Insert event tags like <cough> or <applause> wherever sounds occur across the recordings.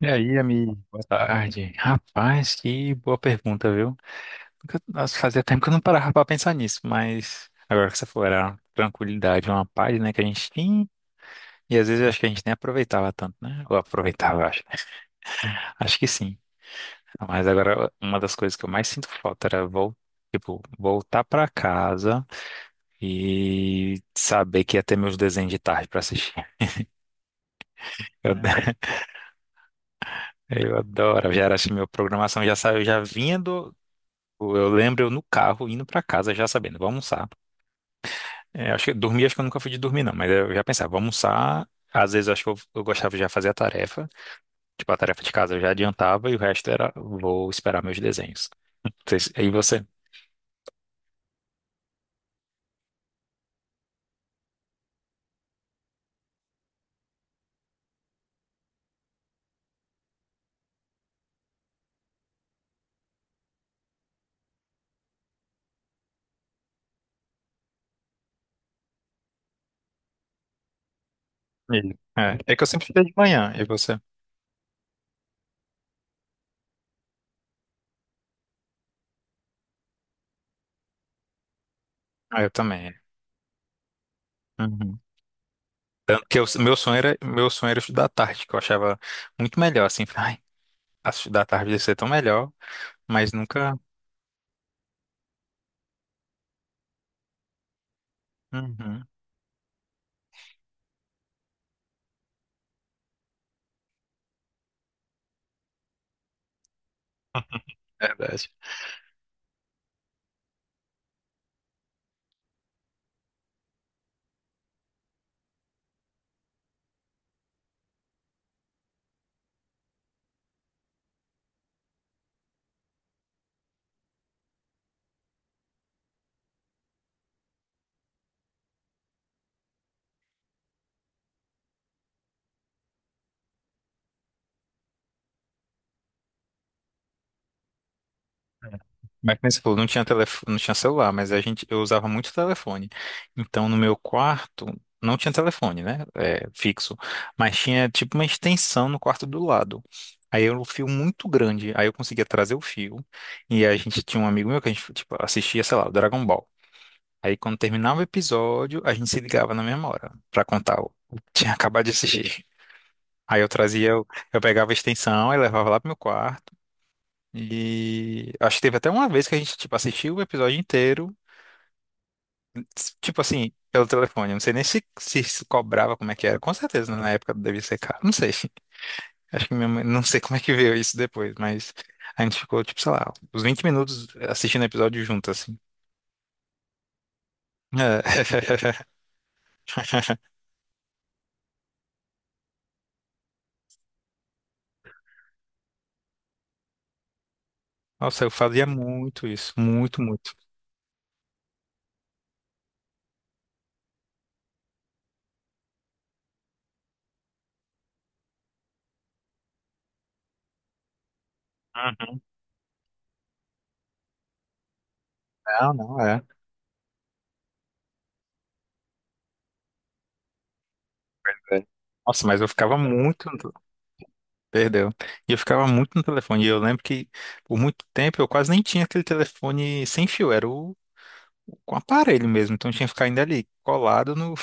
E aí, amigo? Boa tarde. Rapaz, que boa pergunta, viu? Nossa, fazia tempo que eu não parava pra pensar nisso, mas agora que você falou, era uma tranquilidade, uma paz, né, que a gente tinha, e às vezes eu acho que a gente nem aproveitava tanto, né? Ou aproveitava, eu acho. Acho que sim. Mas agora, uma das coisas que eu mais sinto falta era vol tipo, voltar pra casa e saber que ia ter meus desenhos de tarde pra assistir. Eu, <laughs> eu adoro, já era assim, minha programação já saiu, já vinha. Eu lembro eu no carro indo pra casa já sabendo, vou almoçar. É, acho que dormir, acho que eu nunca fui de dormir, não, mas eu já pensava, vou almoçar. Às vezes eu acho que eu gostava de já fazer a tarefa, tipo a tarefa de casa eu já adiantava e o resto era vou esperar meus desenhos. <laughs> E você? É que eu sempre fiz de manhã, e você? Ah, eu também. É. Uhum. Tanto que meu sonho era estudar à tarde, que eu achava muito melhor, assim. <laughs> Ai, estudar à tarde ia ser tão melhor, mas nunca. Uhum, verdade. Mas como você falou, não tinha telefone, não tinha celular, mas a gente, eu usava muito telefone. Então, no meu quarto, não tinha telefone, né? É, fixo. Mas tinha tipo uma extensão no quarto do lado. Aí era um fio muito grande. Aí eu conseguia trazer o fio. E a gente tinha um amigo meu que a gente, tipo, assistia, sei lá, o Dragon Ball. Aí quando terminava o episódio, a gente se ligava na mesma hora pra contar o que tinha <laughs> acabado de assistir. Aí eu trazia, eu pegava a extensão e levava lá pro meu quarto. E acho que teve até uma vez que a gente, tipo, assistiu o episódio inteiro, tipo assim, pelo telefone. Eu não sei nem se, se cobrava como é que era. Com certeza, na época devia ser caro. Não sei. <laughs> Acho que minha mãe, não sei como é que veio isso depois, mas a gente ficou, tipo, sei lá, uns 20 minutos assistindo o episódio junto, assim. É. <laughs> Nossa, eu fazia muito isso, muito, muito. Não, não é. É. Nossa, mas eu ficava muito. Perdeu. E eu ficava muito no telefone. E eu lembro que por muito tempo eu quase nem tinha aquele telefone sem fio, era o com aparelho mesmo. Então eu tinha que ficar ainda ali colado no.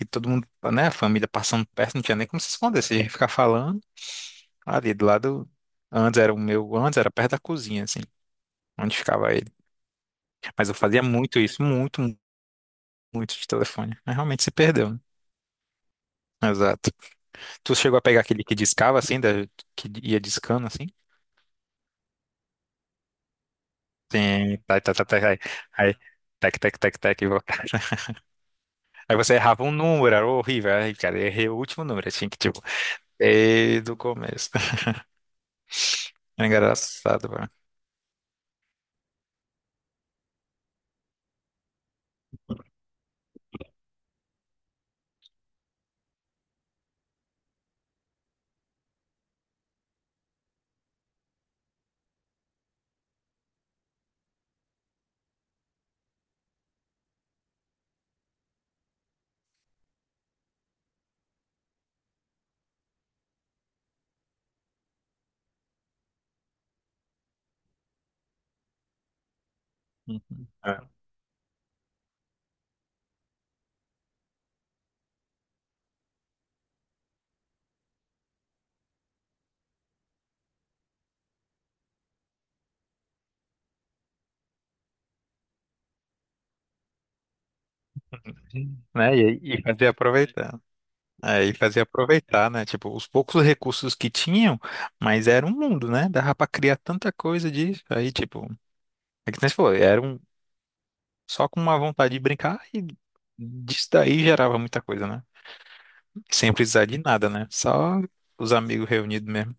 E todo mundo, né? A família passando perto, não tinha nem como se esconder. Você ia ficar falando ali do lado. Antes era o meu, antes era perto da cozinha, assim, onde ficava ele. Mas eu fazia muito isso, muito, muito de telefone. Mas realmente se perdeu, né? Exato. Tu chegou a pegar aquele que discava, assim, da... que ia discando, assim? Sim, tá, tá, tá, tá, aí, aí, tec, tec, tec, tec, <laughs> aí você errava um número, era horrível, aí, cara, eu errei o último número, eu tinha que, tipo, desde o começo. <laughs> É engraçado, velho. Uhum. É. Né? E fazia aproveitar. É, e fazia aproveitar, né? Tipo, os poucos recursos que tinham, mas era um mundo, né? Dava pra criar tanta coisa disso. Aí, tipo, é que nem você falou, era um, só com uma vontade de brincar e disso daí gerava muita coisa, né? Sem precisar de nada, né? Só os amigos reunidos mesmo.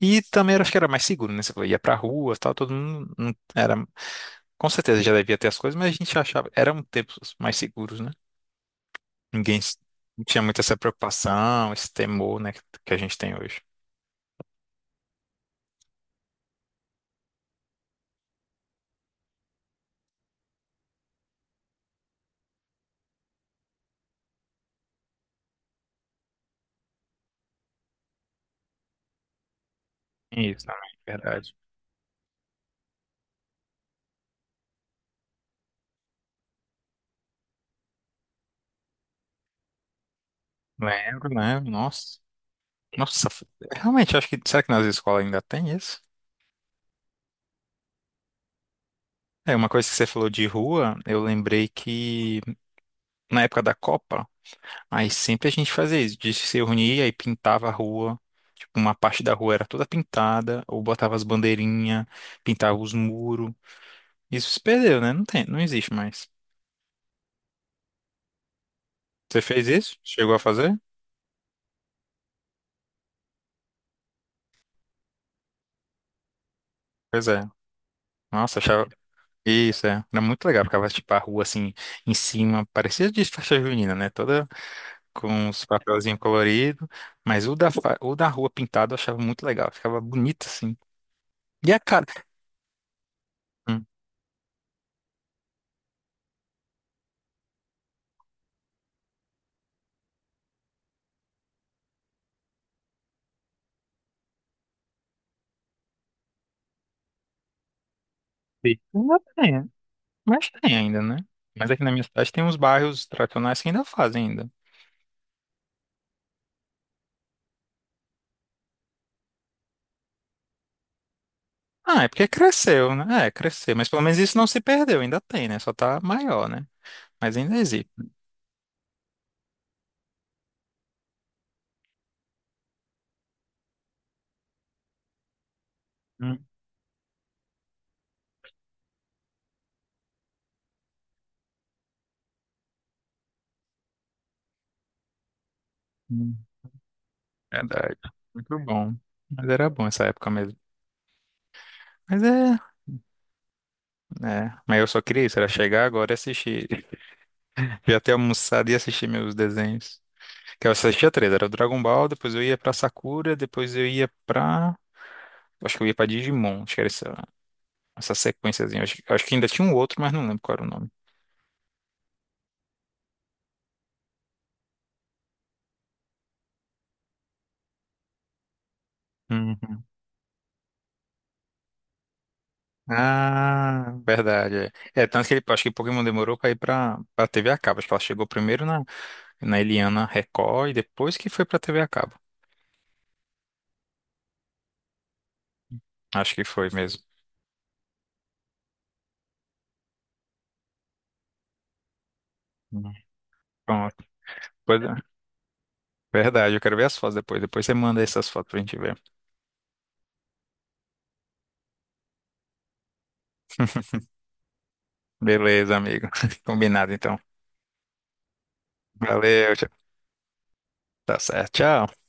E também acho que era mais seguro, né? Você falou, ia pra rua, tal, todo mundo era, com certeza já devia ter as coisas, mas a gente achava, eram tempos mais seguros, né? Ninguém não tinha muito essa preocupação, esse temor, né, que a gente tem hoje. Isso, também, verdade. Lembro, lembro, nossa. Nossa, realmente, acho que, será que nas escolas ainda tem isso? É, uma coisa que você falou de rua, eu lembrei que na época da Copa, aí sempre a gente fazia isso, de se reunir, aí pintava a rua, tipo, uma parte da rua era toda pintada, ou botava as bandeirinhas, pintava os muros. Isso se perdeu, né? Não tem, não existe mais. Você fez isso? Chegou a fazer? Pois é. Nossa, achava... Isso, é. Era muito legal, ficava, tipo, a rua, assim, em cima, parecia de festa junina, né? Toda com os papelzinhos coloridos, mas o da rua pintado eu achava muito legal, ficava bonito, assim. E a cara... Hum. Sim. Mas tem ainda, né? Mas aqui na minha cidade tem uns bairros tradicionais que ainda fazem ainda. Ah, é porque cresceu, né? É, cresceu. Mas pelo menos isso não se perdeu, ainda tem, né? Só tá maior, né? Mas ainda existe. Hum, hum. Verdade. Muito bom. Mas era bom essa época mesmo. Mas é, é. Mas eu só queria isso, era chegar agora e assistir. <laughs> Já ter almoçado e assistir meus desenhos. Que eu assistia três, era o Dragon Ball, depois eu ia pra Sakura, depois eu ia pra. Acho que eu ia pra Digimon, acho que era isso. Essa sequenciazinha. Acho que ainda tinha um outro, mas não lembro qual era o nome. Uhum. Ah, verdade. É, tanto que ele, acho que Pokémon demorou pra ir pra TV a cabo. Acho que ela chegou primeiro na, na Eliana Record e depois que foi pra TV a cabo. Acho que foi mesmo. Uhum. Pronto. Pois é. Verdade, eu quero ver as fotos depois. Depois você manda essas fotos pra gente ver. Beleza, amigo. <laughs> Combinado, então. Valeu, tchau. Tá certo. Tchau.